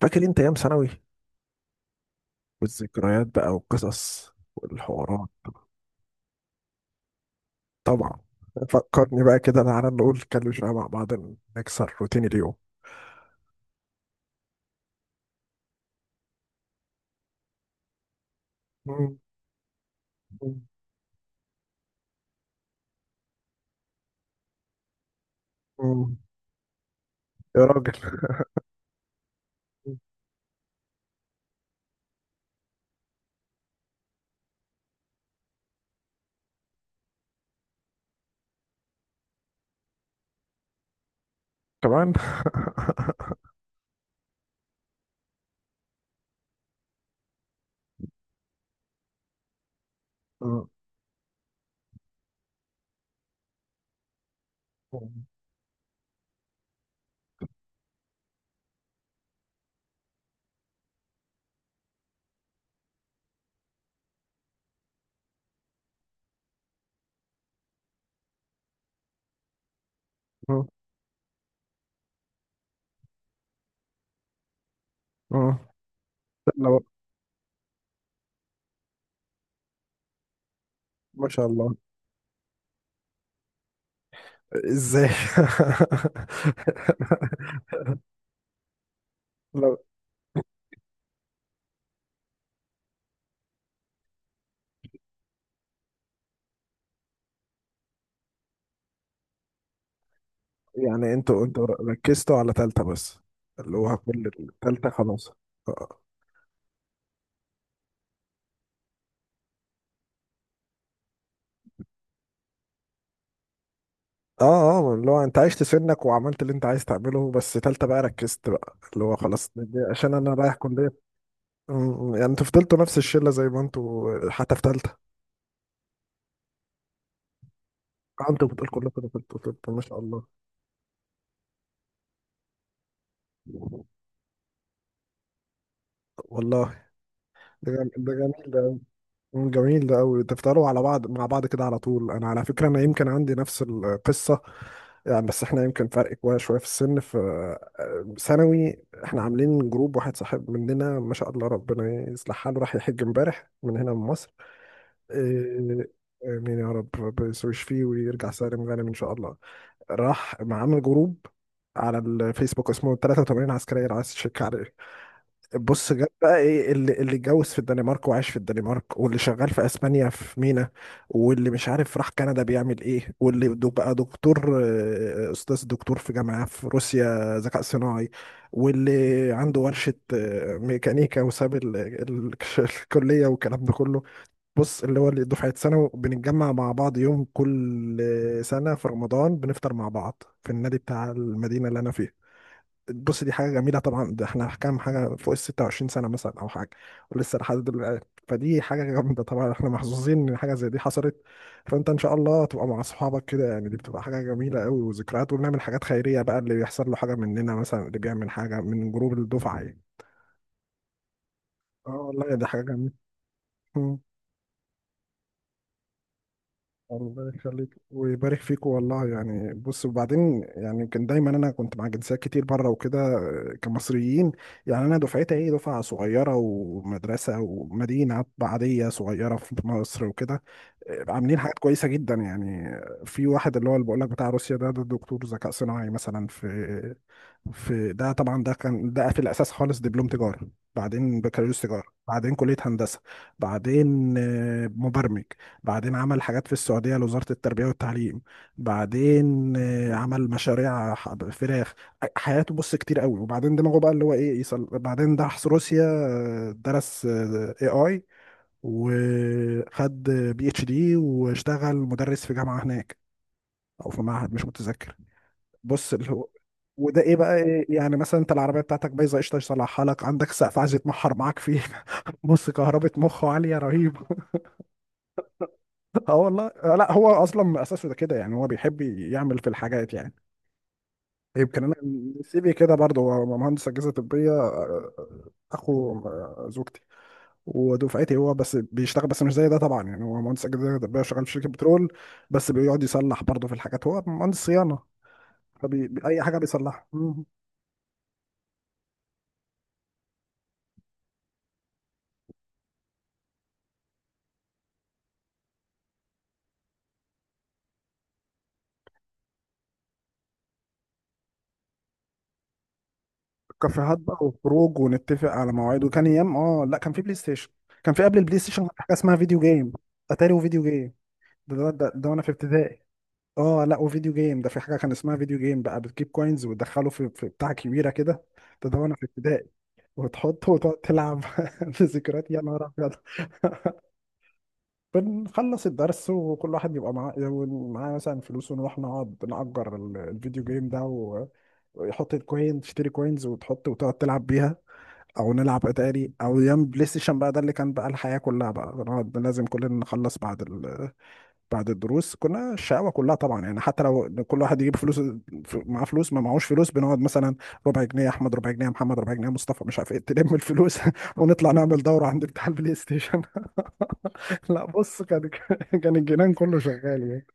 فاكر انت ايام ثانوي؟ والذكريات بقى والقصص والحوارات. طبعا. فكرني بقى كده، تعالى نقول نتكلم شويه مع بعض، نكسر روتين اليوم. مم. مم. مم. يا راجل كمان. مم. مم. مم. لو... ما شاء الله. ازاي؟ لو... يعني انتوا ركزتوا على تالتة بس؟ اللي هو كل التالتة خلاص. اه، اه، اللي هو انت عشت سنك وعملت اللي انت عايز تعمله، بس تالتة بقى ركزت بقى، اللي هو خلاص، دي عشان انا رايح كلية. م- يعني انتوا فضلتوا نفس الشلة زي ما انتوا حتى في تالتة؟ انتوا بتقول كلكم دخلتوا طب؟ ما شاء الله، والله. ده جميل ده أوي. م، جميل ده قوي، تفضلوا على بعض مع بعض كده على طول. انا على فكرة انا يمكن عندي نفس القصة، يعني بس احنا يمكن فرق كويس شوية في السن. في... ثانوي احنا عاملين جروب، واحد صاحب مننا ما شاء الله ربنا يصلح حاله راح يحج امبارح من هنا من مصر. آه، آمين يا رب، ربنا يشفيه ويرجع سالم غانم إن شاء الله. راح مع... عامل جروب على الفيسبوك اسمه 83 عسكرية، لو عايز تشيك عليه. بص جاب بقى ايه، اللي اتجوز في الدنمارك وعاش في الدنمارك، واللي شغال في اسبانيا في مينا، واللي مش عارف راح كندا بيعمل ايه، بقى دكتور، استاذ دكتور في جامعة في روسيا ذكاء صناعي، واللي عنده ورشة ميكانيكا وساب الكلية والكلام ده كله. بص اللي هو، اللي دفعة ثانوي بنتجمع مع بعض يوم كل سنة في رمضان، بنفطر مع بعض في النادي بتاع المدينة اللي أنا فيها. بص دي حاجة جميلة طبعا، ده احنا كام حاجة فوق ال 26 سنة مثلا أو حاجة، ولسه لحد دلوقتي، فدي حاجة جامدة طبعا. احنا محظوظين إن حاجة زي دي حصلت. فأنت إن شاء الله تبقى مع أصحابك كده، يعني دي بتبقى حاجة جميلة أوي وذكريات، ونعمل حاجات خيرية بقى، اللي بيحصل له حاجة مننا مثلا، اللي بيعمل حاجة من جروب الدفعة يعني. اه والله دي حاجة جميلة. الله يخليك ويبارك فيك والله. يعني بص وبعدين، يعني كان دايما انا كنت مع جنسيات كتير بره وكده، كمصريين يعني انا دفعتي ايه، دفعه صغيره ومدرسه ومدينه عاديه صغيره في مصر وكده، عاملين حاجات كويسه جدا يعني. في واحد اللي هو اللي بقول لك بتاع روسيا ده دكتور ذكاء صناعي مثلا في... في ده طبعا، ده كان ده في الاساس خالص دبلوم تجاره، بعدين بكالوريوس تجاره، بعدين كليه هندسه، بعدين مبرمج، بعدين عمل حاجات في السعودية لوزارة التربية والتعليم، بعدين عمل مشاريع فراخ. حياته بص كتير قوي. وبعدين دماغه بقى اللي هو ايه يصل، بعدين راح روسيا، درس اي اي وخد بي اتش دي، واشتغل مدرس في جامعة هناك او في معهد مش متذكر. بص اللي هو، وده ايه بقى إيه، يعني مثلا انت العربيه بتاعتك بايظه، قشطه يصلحها لك. عندك سقف عايز يتمحر معاك فيه بص كهربة مخه عاليه رهيبه. اه والله، آه لا هو اصلا من اساسه ده كده، يعني هو بيحب يعمل في الحاجات يعني. يمكن انا سي في كده برضه، هو مهندس اجهزه طبيه، اخو زوجتي ودفعتي. هو بس بيشتغل بس مش زي ده طبعا، يعني هو مهندس اجهزه طبيه شغال في شركه بترول، بس بيقعد يصلح برضه في الحاجات، هو مهندس صيانه، فبي اي حاجه بيصلحها. مم. كافيهات بقى وخروج ونتفق على مواعيد وكان ايام، اه لا كان في بلاي ستيشن. كان في قبل البلاي ستيشن حاجه اسمها فيديو جيم. اتاري وفيديو جيم، ده وانا في ابتدائي. اه لا وفيديو جيم ده، في حاجه كان اسمها فيديو جيم بقى، بتجيب كوينز وتدخله في... في بتاع كبيره كده. ده وانا في ابتدائي. وتحطه وتقعد تلعب في ذكريات يا نهار ابيض بنخلص الدرس وكل واحد بيبقى معاه مثلا فلوس، ونروح نقعد نأجر الفيديو جيم ده، ويحط الكوين، تشتري كوينز وتحط وتقعد تلعب بيها. او نلعب اتاري، او ايام بلاي ستيشن بقى، ده اللي كان بقى الحياة كلها بقى، نقعد لازم كلنا نخلص بعد... بعد الدروس. كنا الشقاوة كلها طبعا يعني، حتى لو كل واحد يجيب فلوس، معاه فلوس ما معهوش فلوس، بنقعد مثلا ربع جنيه احمد، ربع جنيه محمد، ربع جنيه مصطفى، مش عارف ايه، تلم الفلوس ونطلع نعمل دورة عند بتاع البلاي ستيشن. لا بص كان... كان الجنان كله شغال يعني.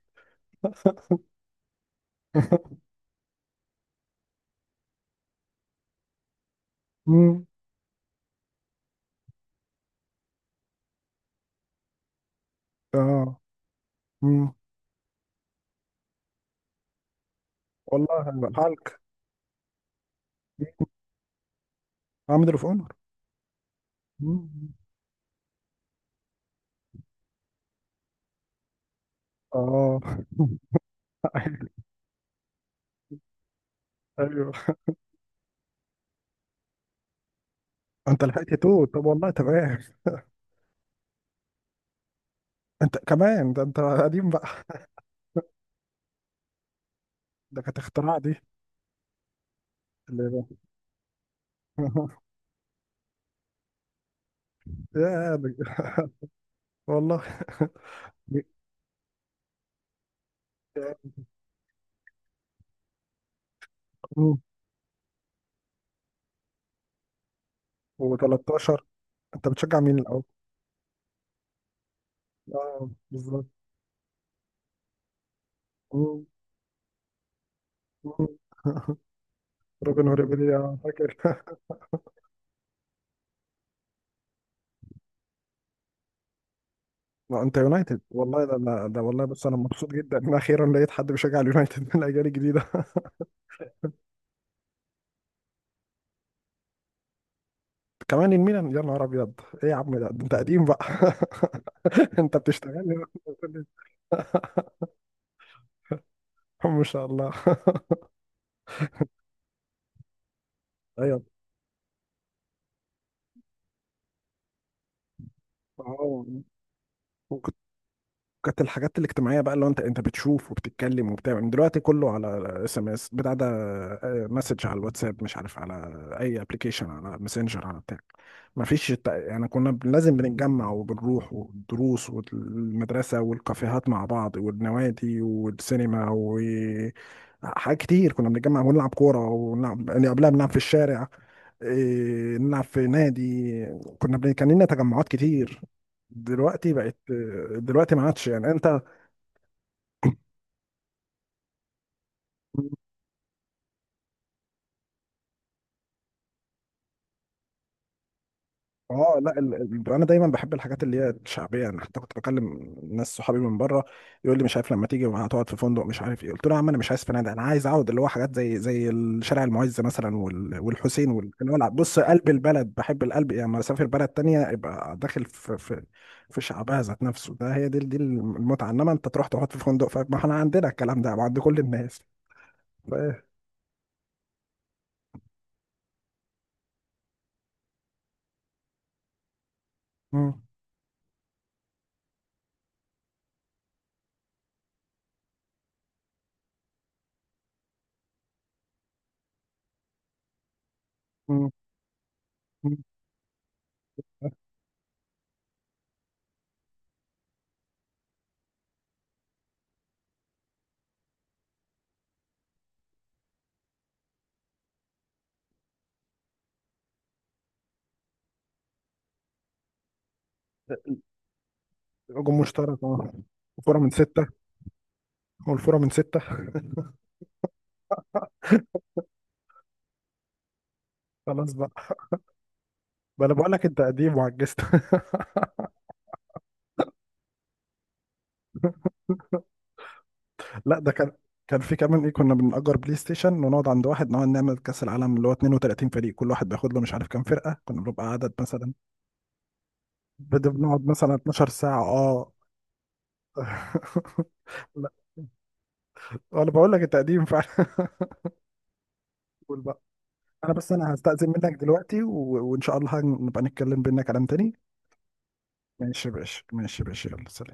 مم. اه. مم. والله حالك. عامل اوف اونر. مم. اه. ايوه. انت لحقت توت؟ طب والله تمام. انت كمان، ده انت قديم بقى. ده كانت اختراع دي. اللي... يا بج... والله. مم. و13. انت بتشجع مين الاول؟ اه بالظبط. مم. مم. روبن هوريبيلي، فاكر. ما انت يونايتد والله، ده والله. بس انا مبسوط جدا ان اخيرا لقيت حد بيشجع اليونايتد من الاجيال الجديده. كمان الميلان يا نهار ابيض! ايه يا عم، ده انت قديم بقى انت بتشتغل لي؟ ما شاء الله ايوه. آه، كانت الحاجات الاجتماعيه بقى اللي هو، انت بتشوف وبتتكلم وبتعمل. دلوقتي كله على SMS بتاع ده، مسج على الواتساب، مش عارف على اي ابلكيشن، على ماسنجر، على بتاع. ما فيش يعني، لازم بنتجمع وبنروح، والدروس والمدرسه والكافيهات مع بعض، والنوادي والسينما، و حاجات كتير كنا بنتجمع ونلعب كوره، ونلعب يعني قبلها بنلعب في الشارع، إيه، نلعب في نادي. كان لنا تجمعات كتير. دلوقتي بقت... دلوقتي ما عادش يعني انت... اه لا انا دايما بحب الحاجات اللي هي الشعبيه يعني. حتى كنت بكلم ناس صحابي من بره يقول لي مش عارف لما تيجي هتقعد في فندق مش عارف ايه، قلت له يا عم انا مش عايز فنادق، انا عايز اقعد اللي هو حاجات زي زي الشارع المعز مثلا، والحسين، اللي هو بص قلب البلد، بحب القلب يعني، لما اسافر بلد تانية يبقى داخل في... في في شعبها ذات نفسه. ده هي دي، دي المتعه، انما انت تروح تقعد في فندق فما، احنا عندنا الكلام ده عند كل الناس. ف... مم. مم. مم. هجوم مشترك، اه. الفورة من ستة، والفورة من ستة. خلاص بقى. ما انا بقول لك انت قديم وعجزت لا ده كان... كان في كمان ايه، كنا بنأجر بلاي ستيشن ونقعد عند واحد، نقعد نعمل كأس العالم اللي هو 32 فريق، كل واحد بياخد له مش عارف كام فرقة، كنا بنبقى عدد مثلا، بدنا بنقعد مثلا 12 ساعة، اه. لا، انا بقول لك انت قديم فعلا. قول بقى. انا بس انا هستأذن منك دلوقتي، و... وان شاء الله نبقى نتكلم بينا كلام تاني. ماشي يا باشا، ماشي يا باشا، يلا سلام.